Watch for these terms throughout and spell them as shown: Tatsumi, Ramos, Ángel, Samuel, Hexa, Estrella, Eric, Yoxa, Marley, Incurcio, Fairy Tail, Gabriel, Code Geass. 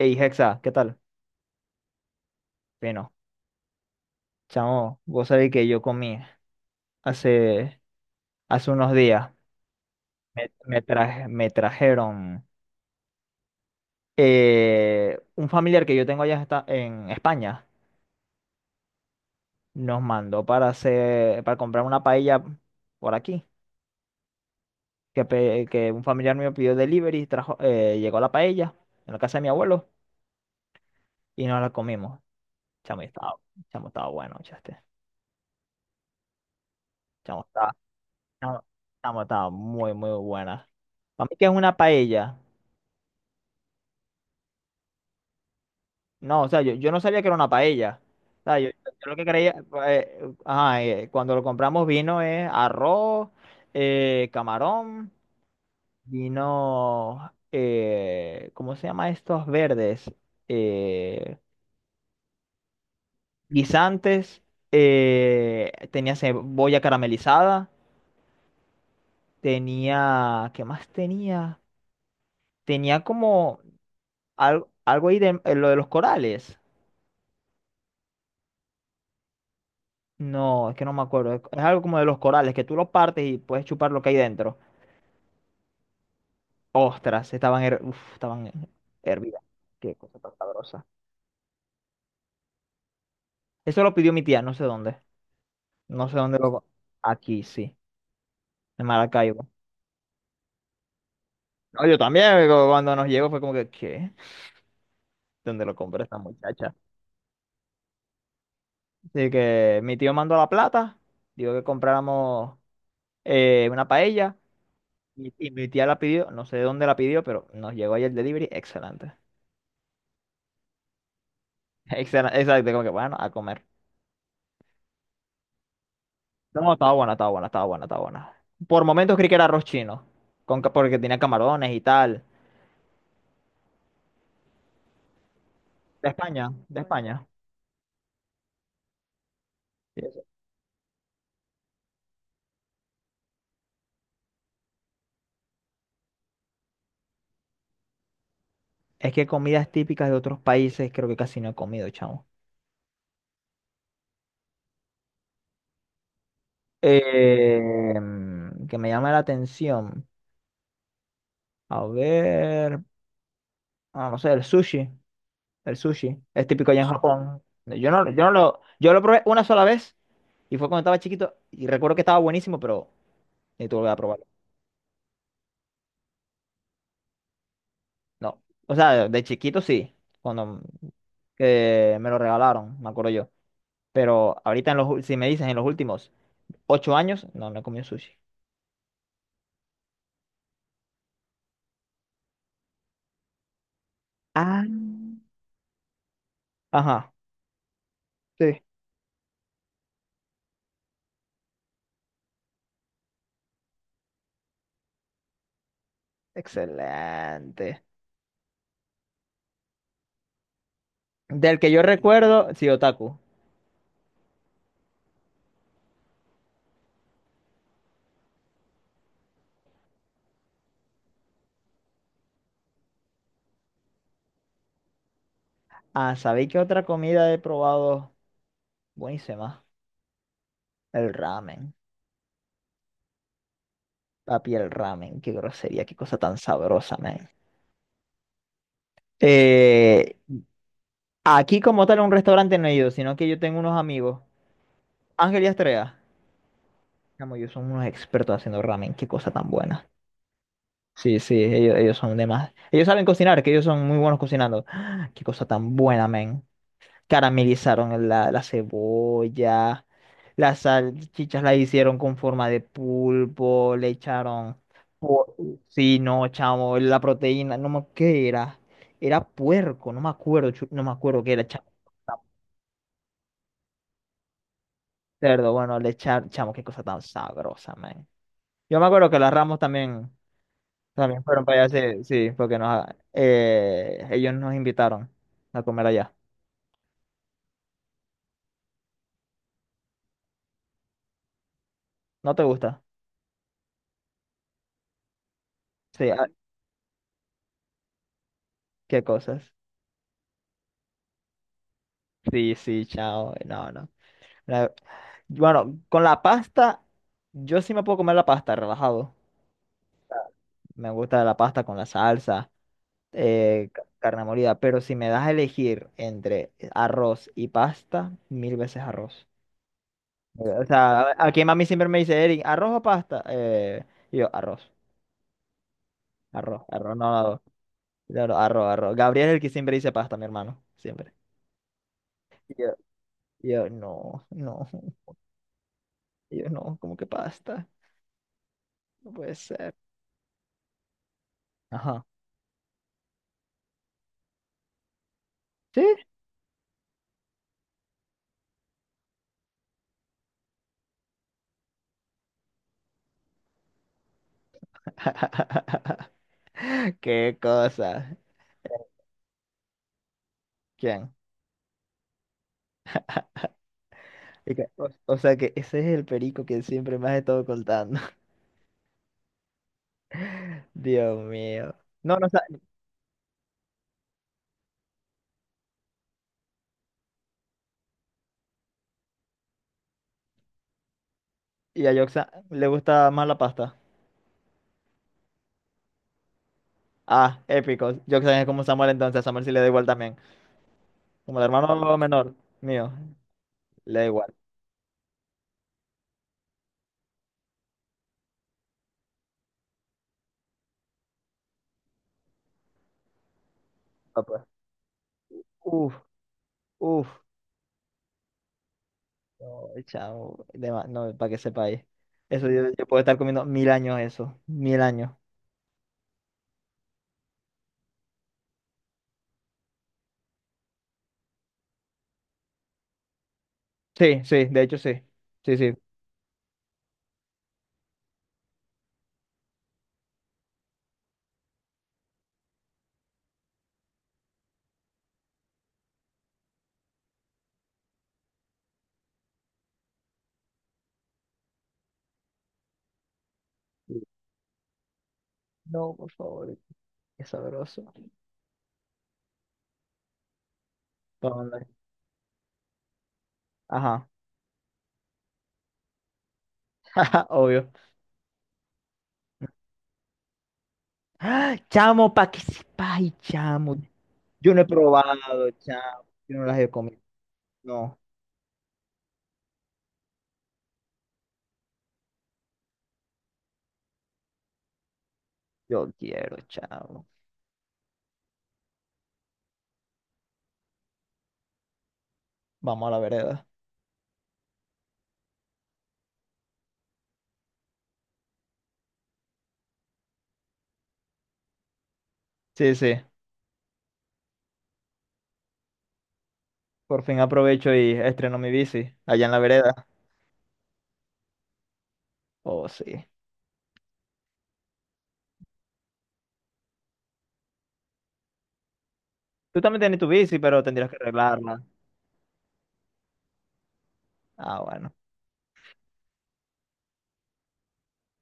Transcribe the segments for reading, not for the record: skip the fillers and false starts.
Ey, Hexa, ¿qué tal? Bueno, chamo, vos sabés que yo comí hace, hace unos días. Me trajeron un familiar que yo tengo allá está en España. Nos mandó para hacer, para comprar una paella por aquí. Que un familiar mío pidió delivery, trajo, llegó la paella en la casa de mi abuelo y nos la comimos. Chamo, estaba bueno, chaste. Chamo, estaba, chamo, chamo, estaba muy, muy buena. Para mí que es una paella. No, o sea, yo no sabía que era una paella. O sea, yo lo que creía, ajá, cuando lo compramos vino es arroz, camarón, vino, ¿cómo se llama estos verdes? Eh, guisantes, tenía cebolla caramelizada, tenía, ¿qué más tenía? Tenía como algo ahí de lo de los corales. No, es que no me acuerdo. Es algo como de los corales, que tú los partes y puedes chupar lo que hay dentro. Ostras, estaban hervidas. Qué cosa tan sabrosa. Eso lo pidió mi tía, no sé dónde. No sé dónde lo... Aquí, sí, en Maracaibo. No, yo también, cuando nos llegó fue como que, ¿qué? ¿Dónde lo compró esta muchacha? Así que mi tío mandó la plata, dijo que compráramos una paella y, mi tía la pidió, no sé de dónde la pidió, pero nos llegó ahí el delivery, excelente. Exacto, como que bueno, a comer. No, estaba buena, estaba buena, estaba buena, estaba buena. Por momentos creí que era arroz chino, porque tenía camarones y tal. De España, de España. Sí, sí. Es que comidas típicas de otros países creo que casi no he comido, chamo. Eh, que me llama la atención. A ver, ah, no sé, el sushi. El sushi es típico allá en Japón. Yo no, yo no lo, yo lo probé una sola vez y fue cuando estaba chiquito y recuerdo que estaba buenísimo, pero necesito volver a probarlo. No. O sea, de chiquito sí, cuando que me lo regalaron, me acuerdo yo. Pero ahorita, si me dices en los últimos 8 años, no, no he comido sushi. Ah, ajá, sí. Excelente. Del que yo recuerdo, sí, otaku. Ah, ¿sabéis qué otra comida he probado? Buenísima. El ramen. Papi, el ramen. Qué grosería, qué cosa tan sabrosa, man. Eh, aquí como tal un restaurante no he ido, sino que yo tengo unos amigos. Ángel y Estrella. Chamo, ellos son unos expertos haciendo ramen, qué cosa tan buena. Sí, sí, ellos son de más. Ellos saben cocinar, que ellos son muy buenos cocinando. Qué cosa tan buena, men. Caramelizaron la cebolla, las salchichas la hicieron con forma de pulpo, le echaron... po- Sí, no, chamo, la proteína, no me... ¿Qué era? Era puerco, no me acuerdo, no me acuerdo qué era, chamo. Cerdo, bueno, le echaron, chamo, qué cosa tan sabrosa, men. Yo me acuerdo que las Ramos también... También fueron para allá, sí, sí, porque nos, ellos nos invitaron a comer allá. ¿No te gusta? Sí, ah, qué cosas. Sí, sí, chao. No, no. La- bueno, con la pasta, yo sí me puedo comer la pasta, relajado. Me gusta la pasta con la salsa, carne molida, pero si me das a elegir entre arroz y pasta, mil veces arroz. O sea, aquí mami siempre me dice, Eric, ¿arroz o pasta? Y yo, arroz, arroz, arroz, no, no. no". Claro, arro, arro. Gabriel es el que siempre dice pasta, mi hermano. Siempre. Y Yo, y yo, no, no. Y yo, no, ¿cómo que pasta? No puede ser. Ajá. ¿Sí? Qué cosa. ¿Quién? O sea que ese es el perico que siempre me has estado contando. Dios mío. No, no, y a Yoxa le gusta más la pasta. Ah, épico. Yoxa es como Samuel entonces. A Samuel sí le da igual también. Como el hermano menor mío, le da igual. Ah, pues. Uf, uf. No, para que sepáis. Eso yo, yo puedo estar comiendo mil años eso, mil años. Sí, sí, de hecho sí, sí, sí. No, por favor, qué sabroso. Ponlo. Ajá, obvio. ¡Ah! Chamo, para que sepáis, chamo. Yo no he probado, chamo. Yo no las he comido. No, yo quiero, chamo. Vamos a la vereda. Sí, sí. Por fin aprovecho y estreno mi bici allá en la vereda. Oh, sí. Tú también tienes tu bici, pero tendrías que arreglarla. Ah, bueno.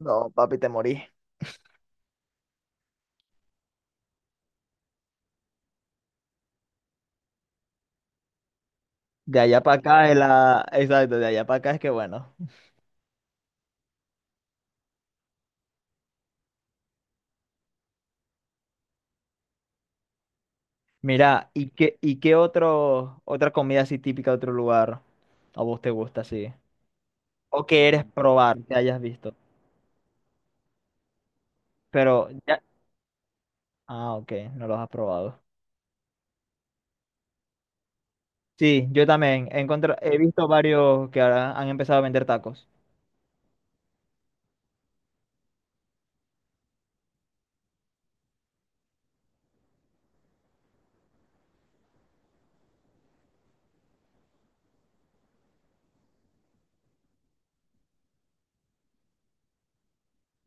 No, papi, te morí. De allá para acá es la... Exacto, de allá para acá es que bueno. Mira, y qué otro, otra comida así típica de otro lugar a vos te gusta así? ¿O que eres probar que hayas visto? Pero ya... Ah, ok, no los has probado. Sí, yo también he, encontrado, he visto varios que ahora han empezado a vender tacos.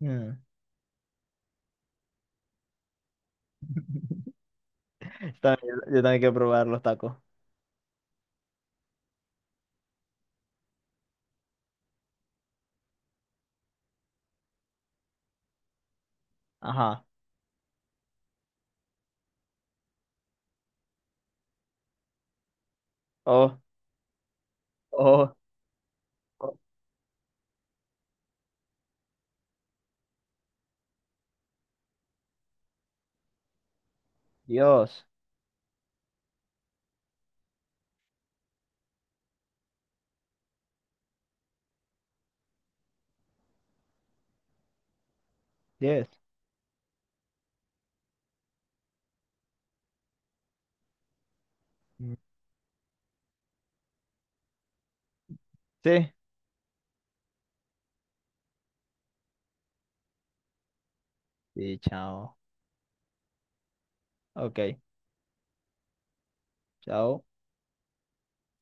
Mm, también- yo también quiero probar los tacos. Ajá. Oh, oh, oh, Dios. Yes. Mm, sí. Sí, chao. Ok, chao.